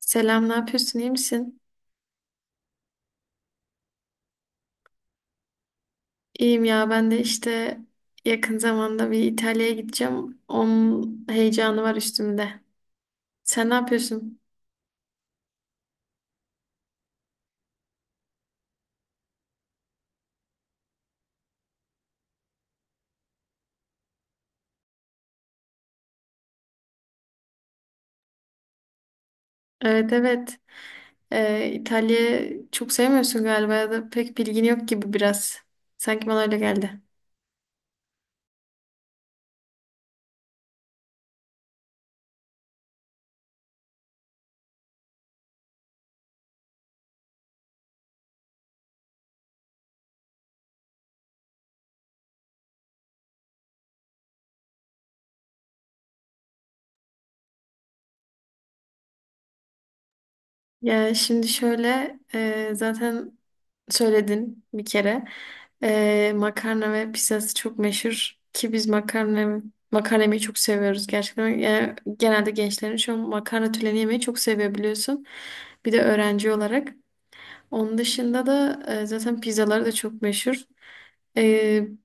Selam, ne yapıyorsun? İyi misin? İyiyim ya, ben de işte yakın zamanda bir İtalya'ya gideceğim. Onun heyecanı var üstümde. Sen ne yapıyorsun? Evet, evet. İtalya'yı çok sevmiyorsun galiba ya da pek bilgin yok gibi biraz. Sanki bana öyle geldi. Ya şimdi şöyle, zaten söyledin bir kere. Makarna ve pizzası çok meşhur ki biz makarnayı çok seviyoruz gerçekten. Yani genelde gençlerin şu an makarna türlerini yemeyi çok seviyor biliyorsun. Bir de öğrenci olarak. Onun dışında da zaten pizzaları da çok meşhur. E,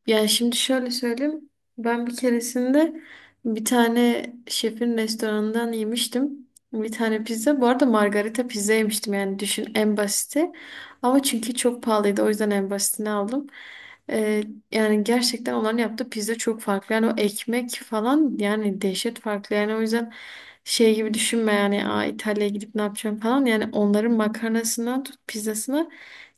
Yani şimdi şöyle söyleyeyim. Ben bir keresinde bir tane şefin restoranından yemiştim. Bir tane pizza. Bu arada margarita pizza yemiştim yani düşün en basiti. Ama çünkü çok pahalıydı, o yüzden en basitini aldım. E, Yani gerçekten onların yaptığı pizza çok farklı. Yani o ekmek falan yani dehşet farklı. Yani o yüzden şey gibi düşünme yani İtalya'ya gidip ne yapacağım falan. Yani onların makarnasından tut pizzasına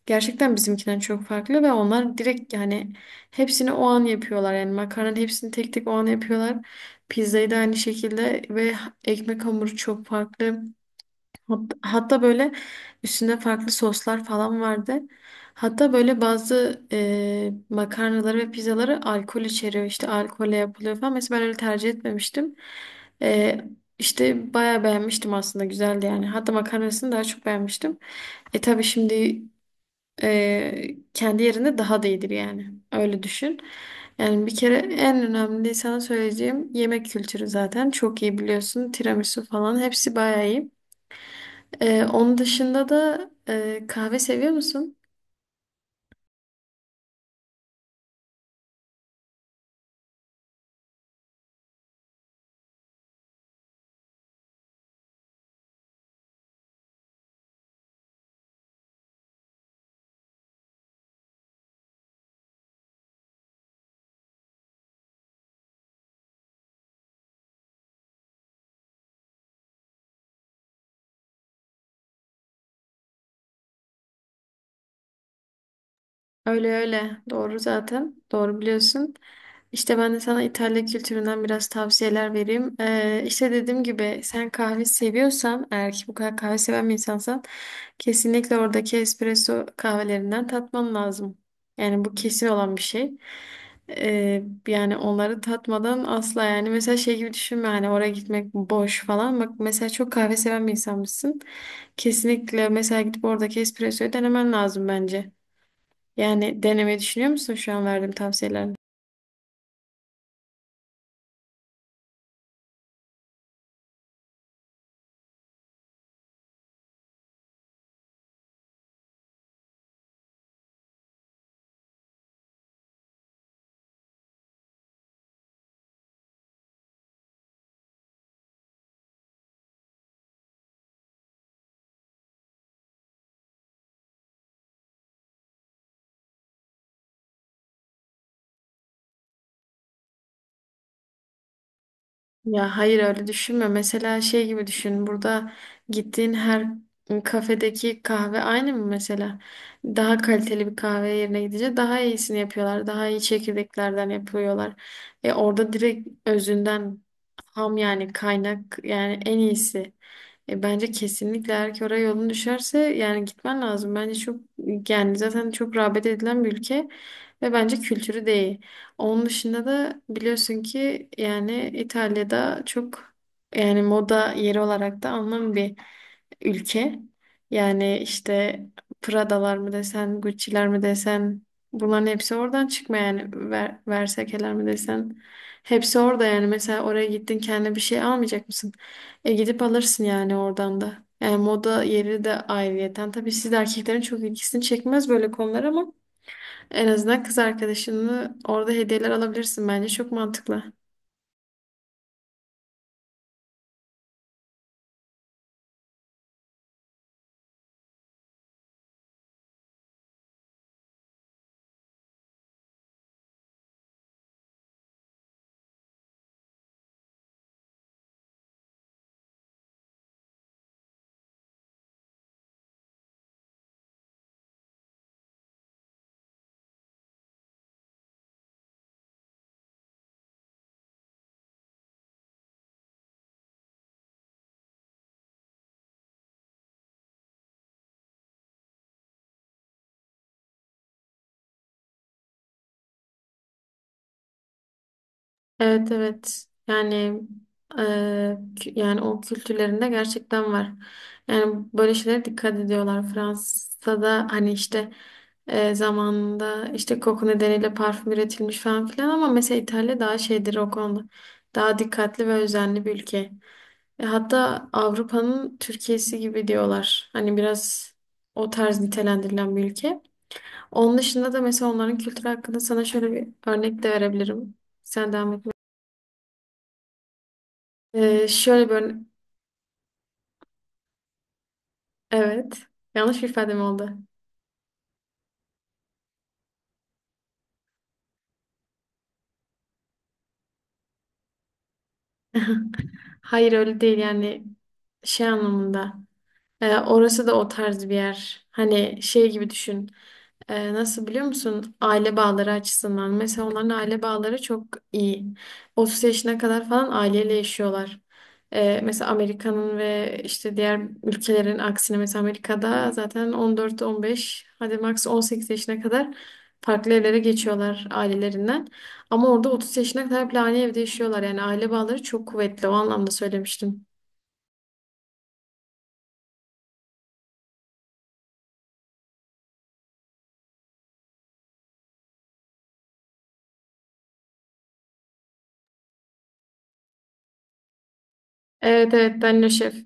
gerçekten bizimkinden çok farklı ve onlar direkt yani hepsini o an yapıyorlar. Yani makarnanın hepsini tek tek o an yapıyorlar. Pizzayı da aynı şekilde ve ekmek hamuru çok farklı. Hatta böyle üstünde farklı soslar falan vardı. Hatta böyle bazı makarnaları ve pizzaları alkol içeriyor. İşte alkolle yapılıyor falan. Mesela ben öyle tercih etmemiştim. E, işte bayağı beğenmiştim aslında. Güzeldi yani. Hatta makarnasını daha çok beğenmiştim. Tabii şimdi kendi yerinde daha da iyidir yani. Öyle düşün. Yani bir kere en önemli sana söyleyeceğim yemek kültürü zaten. Çok iyi biliyorsun. Tiramisu falan hepsi bayağı iyi. Onun dışında da kahve seviyor musun? Öyle öyle. Doğru zaten. Doğru biliyorsun. İşte ben de sana İtalya kültüründen biraz tavsiyeler vereyim. İşte dediğim gibi sen kahve seviyorsan, eğer ki bu kadar kahve seven bir insansan kesinlikle oradaki espresso kahvelerinden tatman lazım. Yani bu kesin olan bir şey. Yani onları tatmadan asla, yani mesela şey gibi düşünme hani oraya gitmek boş falan. Bak, mesela çok kahve seven bir insanmışsın. Kesinlikle mesela gidip oradaki espressoyu denemen lazım bence. Yani denemeyi düşünüyor musun şu an verdiğim tavsiyelerden? Ya, hayır öyle düşünme. Mesela şey gibi düşün. Burada gittiğin her kafedeki kahve aynı mı mesela? Daha kaliteli bir kahve yerine gidince daha iyisini yapıyorlar. Daha iyi çekirdeklerden yapıyorlar. Orada direkt özünden ham, yani kaynak yani en iyisi. Bence kesinlikle eğer ki oraya yolun düşerse yani gitmen lazım. Bence çok, yani zaten çok rağbet edilen bir ülke ve bence kültürü değil. Onun dışında da biliyorsun ki yani İtalya'da çok, yani moda yeri olarak da anlam bir ülke. Yani işte Prada'lar mı desen, Gucci'ler mi desen bunların hepsi oradan çıkma yani Versace'ler mi desen. Hepsi orada yani, mesela oraya gittin kendine bir şey almayacak mısın? Gidip alırsın yani oradan da. Yani moda yeri de ayrıyeten. Tabii siz de erkeklerin çok ilgisini çekmez böyle konular ama en azından kız arkadaşını orada hediyeler alabilirsin bence. Çok mantıklı. Evet, evet. Yani e, yani o kültürlerinde gerçekten var. Yani böyle şeylere dikkat ediyorlar. Fransa'da hani işte zamanında işte koku nedeniyle parfüm üretilmiş falan filan, ama mesela İtalya daha şeydir o konuda. Daha dikkatli ve özenli bir ülke. Hatta Avrupa'nın Türkiye'si gibi diyorlar. Hani biraz o tarz nitelendirilen bir ülke. Onun dışında da mesela onların kültürü hakkında sana şöyle bir örnek de verebilirim. Sen devam etme. Ee, şöyle bir örne- Evet. Yanlış bir ifadem oldu. Hayır öyle değil yani, şey anlamında. Orası da o tarz bir yer. Hani şey gibi düşün. Nasıl biliyor musun? Aile bağları açısından. Mesela onların aile bağları çok iyi. 30 yaşına kadar falan aileyle yaşıyorlar. Mesela Amerika'nın ve işte diğer ülkelerin aksine, mesela Amerika'da zaten 14-15, hadi max 18 yaşına kadar farklı evlere geçiyorlar ailelerinden. Ama orada 30 yaşına kadar bile aynı evde yaşıyorlar. Yani aile bağları çok kuvvetli. O anlamda söylemiştim. Evet, evet, Danilo Şef.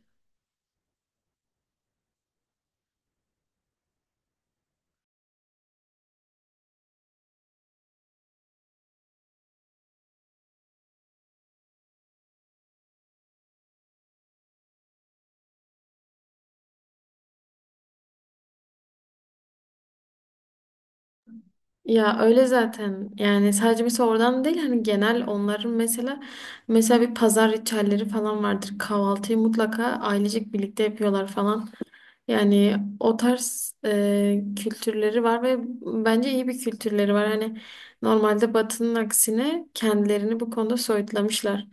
Ya öyle zaten yani, sadece mesela oradan değil hani genel onların mesela bir pazar ritüelleri falan vardır. Kahvaltıyı mutlaka ailecek birlikte yapıyorlar falan. Yani o tarz kültürleri var ve bence iyi bir kültürleri var. Hani normalde Batı'nın aksine kendilerini bu konuda soyutlamışlar.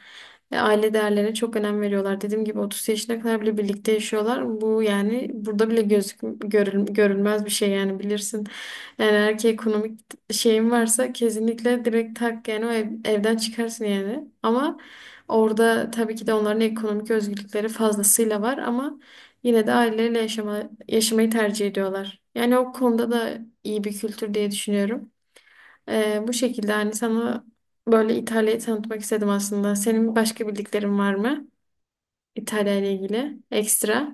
Ve aile değerlerine çok önem veriyorlar. Dediğim gibi 30 yaşına kadar bile birlikte yaşıyorlar. Bu yani burada bile görülmez bir şey yani, bilirsin. Yani erkeğe ekonomik şeyin varsa kesinlikle direkt tak yani o evden çıkarsın yani. Ama orada tabii ki de onların ekonomik özgürlükleri fazlasıyla var ama yine de aileleriyle yaşamayı tercih ediyorlar. Yani o konuda da iyi bir kültür diye düşünüyorum. Bu şekilde hani sana böyle İtalya'yı tanıtmak istedim aslında. Senin başka bildiklerin var mı İtalya ile ilgili ekstra?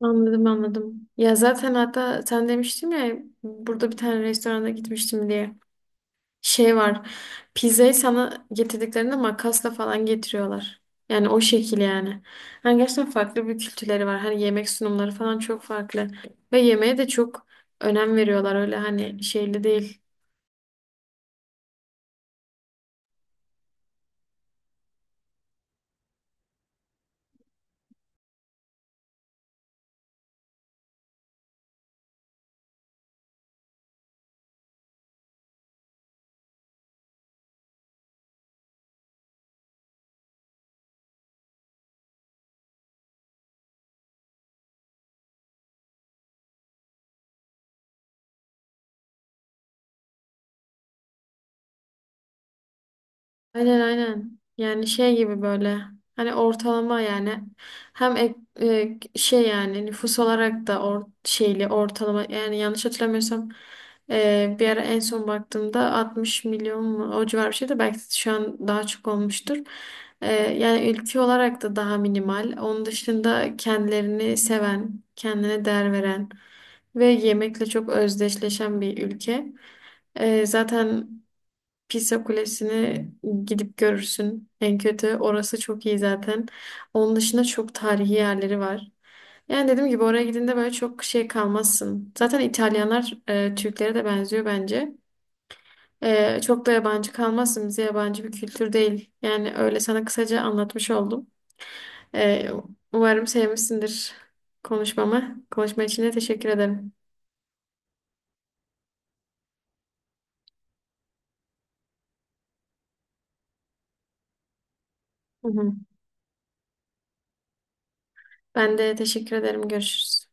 Anladım, anladım. Ya zaten hatta sen demiştin ya, burada bir tane restorana gitmiştim diye. Şey var. Pizzayı sana getirdiklerinde makasla falan getiriyorlar. Yani o şekil yani. Hani gerçekten farklı bir kültürleri var. Hani yemek sunumları falan çok farklı. Ve yemeğe de çok önem veriyorlar. Öyle hani şeyli değil. Aynen, aynen. Yani şey gibi böyle hani ortalama yani, hem ek- şey yani nüfus olarak da şeyli ortalama yani, yanlış hatırlamıyorsam bir ara en son baktığımda 60 milyon mu, o civar bir şeydi, belki şu an daha çok olmuştur. Yani ülke olarak da daha minimal. Onun dışında kendilerini seven, kendine değer veren ve yemekle çok özdeşleşen bir ülke. Zaten Pisa Kulesi'ni gidip görürsün. En kötü orası çok iyi zaten. Onun dışında çok tarihi yerleri var. Yani dediğim gibi oraya gidince böyle çok şey kalmazsın. Zaten İtalyanlar Türklere de benziyor bence. Çok da yabancı kalmazsın. Bize yabancı bir kültür değil. Yani öyle sana kısaca anlatmış oldum. E, Umarım sevmişsindir konuşmamı. Konuşma için de teşekkür ederim. Hı hı. Ben de teşekkür ederim. Görüşürüz.